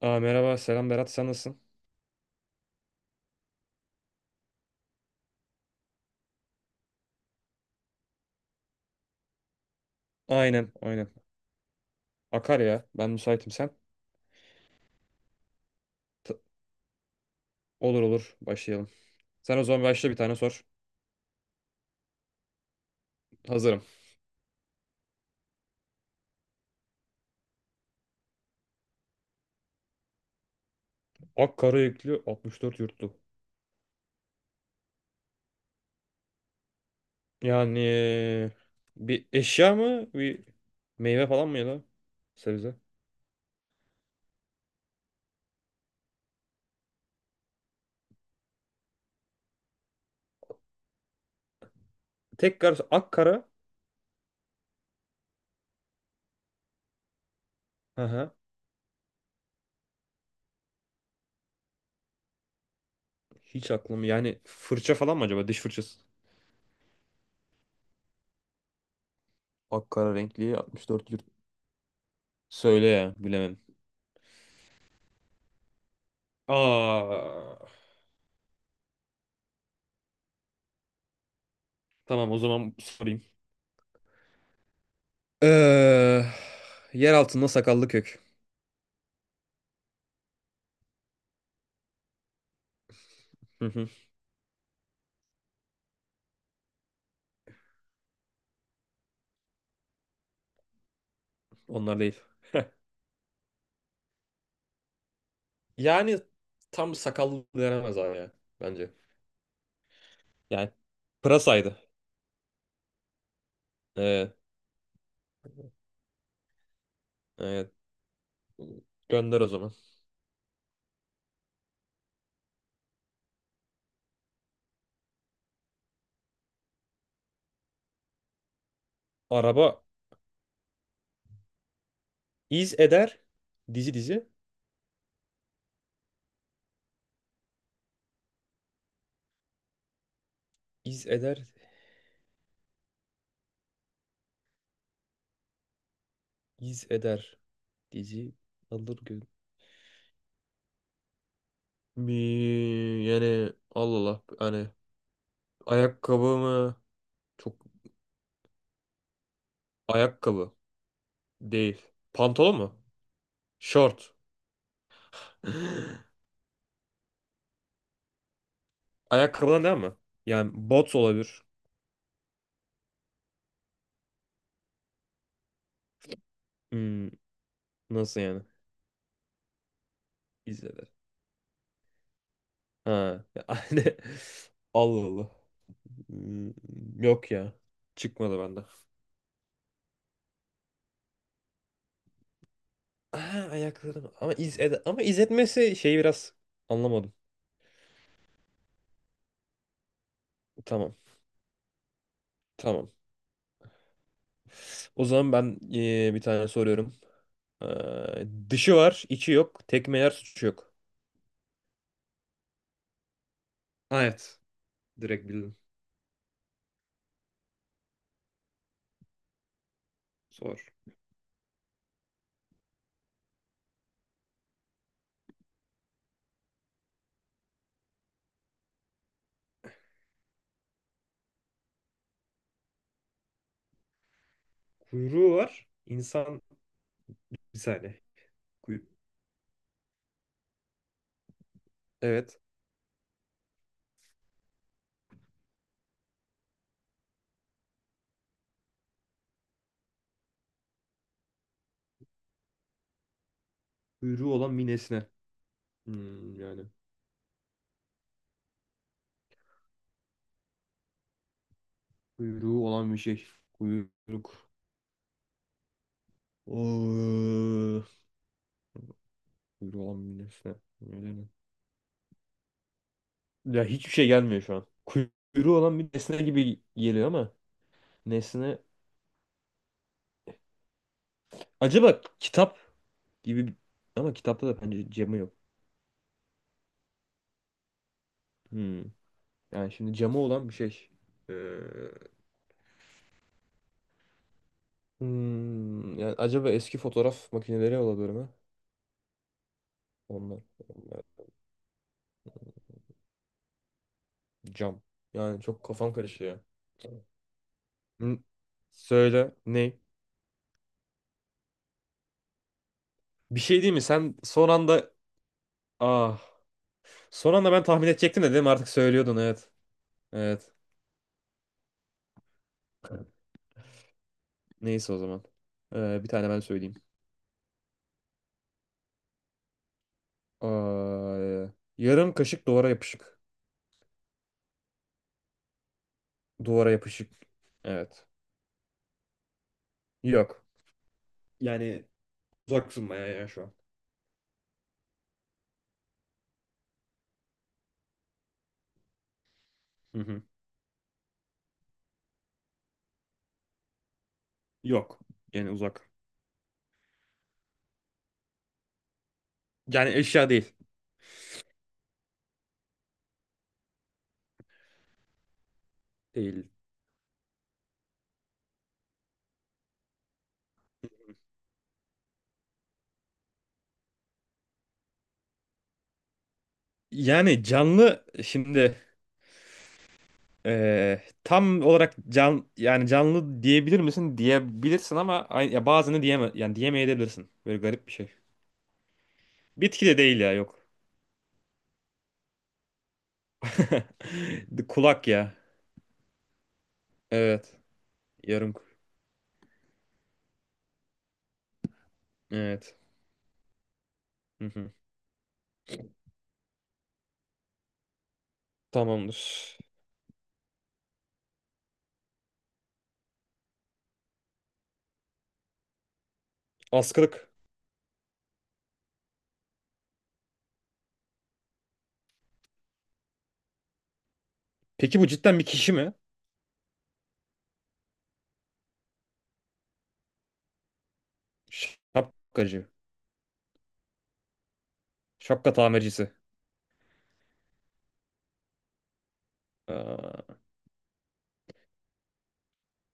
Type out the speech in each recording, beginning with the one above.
Aa, merhaba selam Berat sen nasılsın? Aynen aynen. Akar ya ben müsaitim sen. T- olur olur başlayalım. Sen o zaman başla bir tane sor. Hazırım. Ak Karayüklü 64 yurtlu. Yani bir eşya mı bir meyve falan mı ya da sebze? Tekrar akkara. Hı hı. Hiç aklım yani fırça falan mı acaba diş fırçası? Akkara renkli 64 yurt. Söyle ya bilemem. Aa, tamam o zaman sorayım. Ee, Yer altında sakallı kök. Hı hı. Onlar değil. Yani tam sakallı denemez abi ya bence. Yani pırasaydı. Ee, evet. Gönder o zaman. Araba iz eder. Dizi dizi. İz eder. İz eder. Dizi alır gün. Mi yani Allah Allah hani ayakkabı mı? Çok ayakkabı değil. Pantolon mu? Şort. Ayakkabıdan değil mi? Yani bot olabilir. Hmm, Nasıl yani? İzle. Ha. Yani Allah Allah. Hmm, Yok ya. Çıkmadı bende. Ha, ayaklarım. Ama iz etmesi şeyi biraz anlamadım. Tamam. Tamam. O zaman ben bir tane soruyorum. Dışı var, içi yok. Tekme yer, suçu yok. Ha, evet. Direkt bildim. Sor. Kuyruğu var. İnsan bir saniye. Kuy- Evet. Kuyruğu olan bir nesne. Hmm, yani. Kuyruğu olan bir şey. Kuyruk. Oo. Kuyruğu olan bir nesne. Öyle mi? Ya hiçbir şey gelmiyor şu an. Kuyruğu olan bir nesne gibi geliyor ama nesne... Acaba kitap gibi ama kitapta da bence camı yok. Hmm. Yani şimdi camı olan bir şey. Ee, Yani acaba eski fotoğraf makineleri olabilir mi? Onlar. Onlar cam. Yani çok kafam karışıyor. Hmm, Söyle. Ne? Bir şey değil mi? Sen son anda... Ah. Son anda ben tahmin edecektim de değil mi? Artık söylüyordun evet. Evet. Neyse o zaman. Bir tane ben söyleyeyim. Aa, yarım kaşık duvara yapışık. Duvara yapışık. Evet. Yok. Yani uzaksın bayağı ya şu an. Hı hı. Yok. Yani uzak. Yani eşya değil. Değil. Yani canlı şimdi tam olarak can yani canlı diyebilir misin? Diyebilirsin ama ya bazını diyeme yani diyemeyebilirsin. Böyle garip bir şey. Bitki de değil ya yok. Kulak ya. Evet. Yarım. Evet. Hı hı. Tamamdır. Askılık. Peki bu cidden bir kişi mi? Şapkacı. Şapka tamircisi. Aa,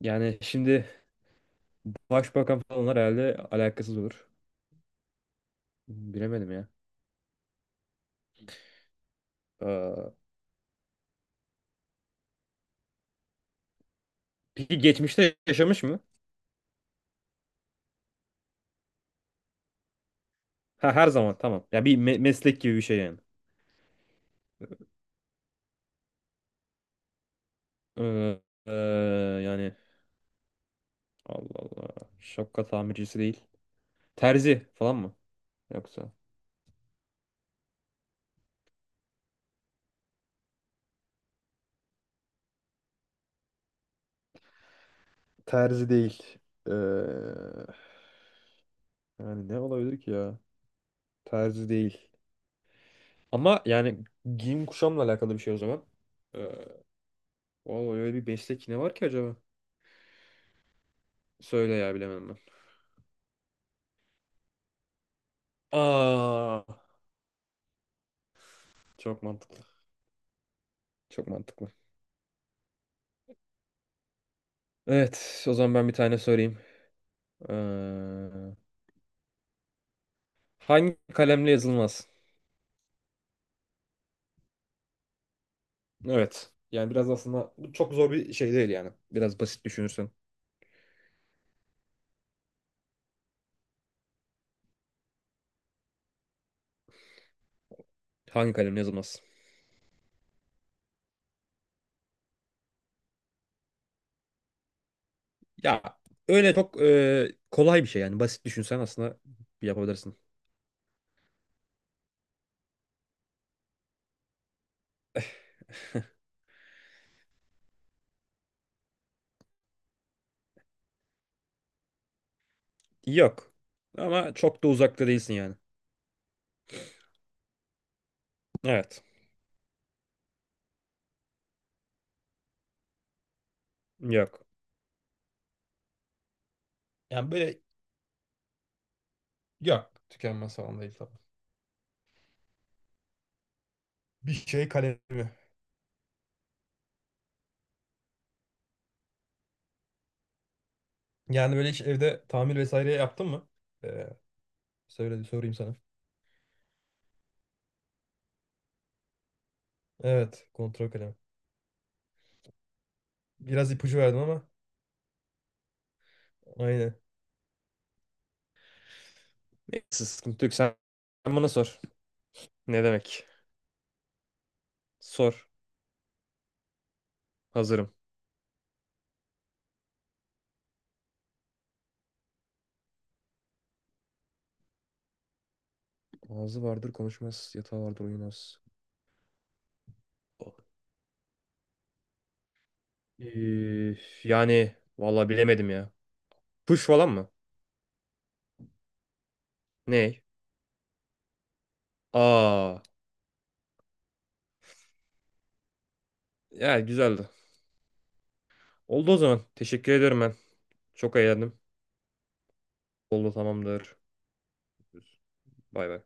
yani şimdi başbakan falanlar herhalde alakasız olur. Bilemedim ya. Aa, peki geçmişte yaşamış mı? Ha her zaman tamam. Ya bir meslek gibi bir şey yani. Ee, ee, Yani Allah Allah. Şapka tamircisi değil. Terzi falan mı? Yoksa. Terzi değil. Ee, Yani ne olabilir ki ya? Terzi değil. Ama yani giyim kuşamla alakalı bir şey o zaman. Ee, Vallahi öyle bir meslek ne var ki acaba? Söyle ya bilemem ben. Aa, çok mantıklı. Çok mantıklı. Evet, o zaman ben bir tane sorayım. Ee, Hangi kalemle yazılmaz? Evet. Yani biraz aslında bu çok zor bir şey değil yani. Biraz basit düşünürsen. Hangi kalemle yazılmaz? Ya öyle çok kolay bir şey yani. Basit düşünsen aslında yapabilirsin. Yok. Ama çok da uzakta değilsin yani. Evet. Yok. Yani böyle yok. Tükenmez falan değil tabii. Bir şey kalemi. Yani böyle hiç evde tamir vesaire yaptın mı? Ee, Söyle sorayım sana. Evet. Kontrol kalemi. Biraz ipucu verdim ama. Aynen. Neyse sıkıntı yok. Sen bana sor. Ne demek? Sor. Hazırım. Ağzı vardır konuşmaz. Yatağı vardır uyumaz. Ee, Yani vallahi bilemedim ya. Kuş falan mı? Ney? Aa. Ya güzeldi. Oldu o zaman. Teşekkür ediyorum ben. Çok eğlendim. Oldu tamamdır. Bay bay.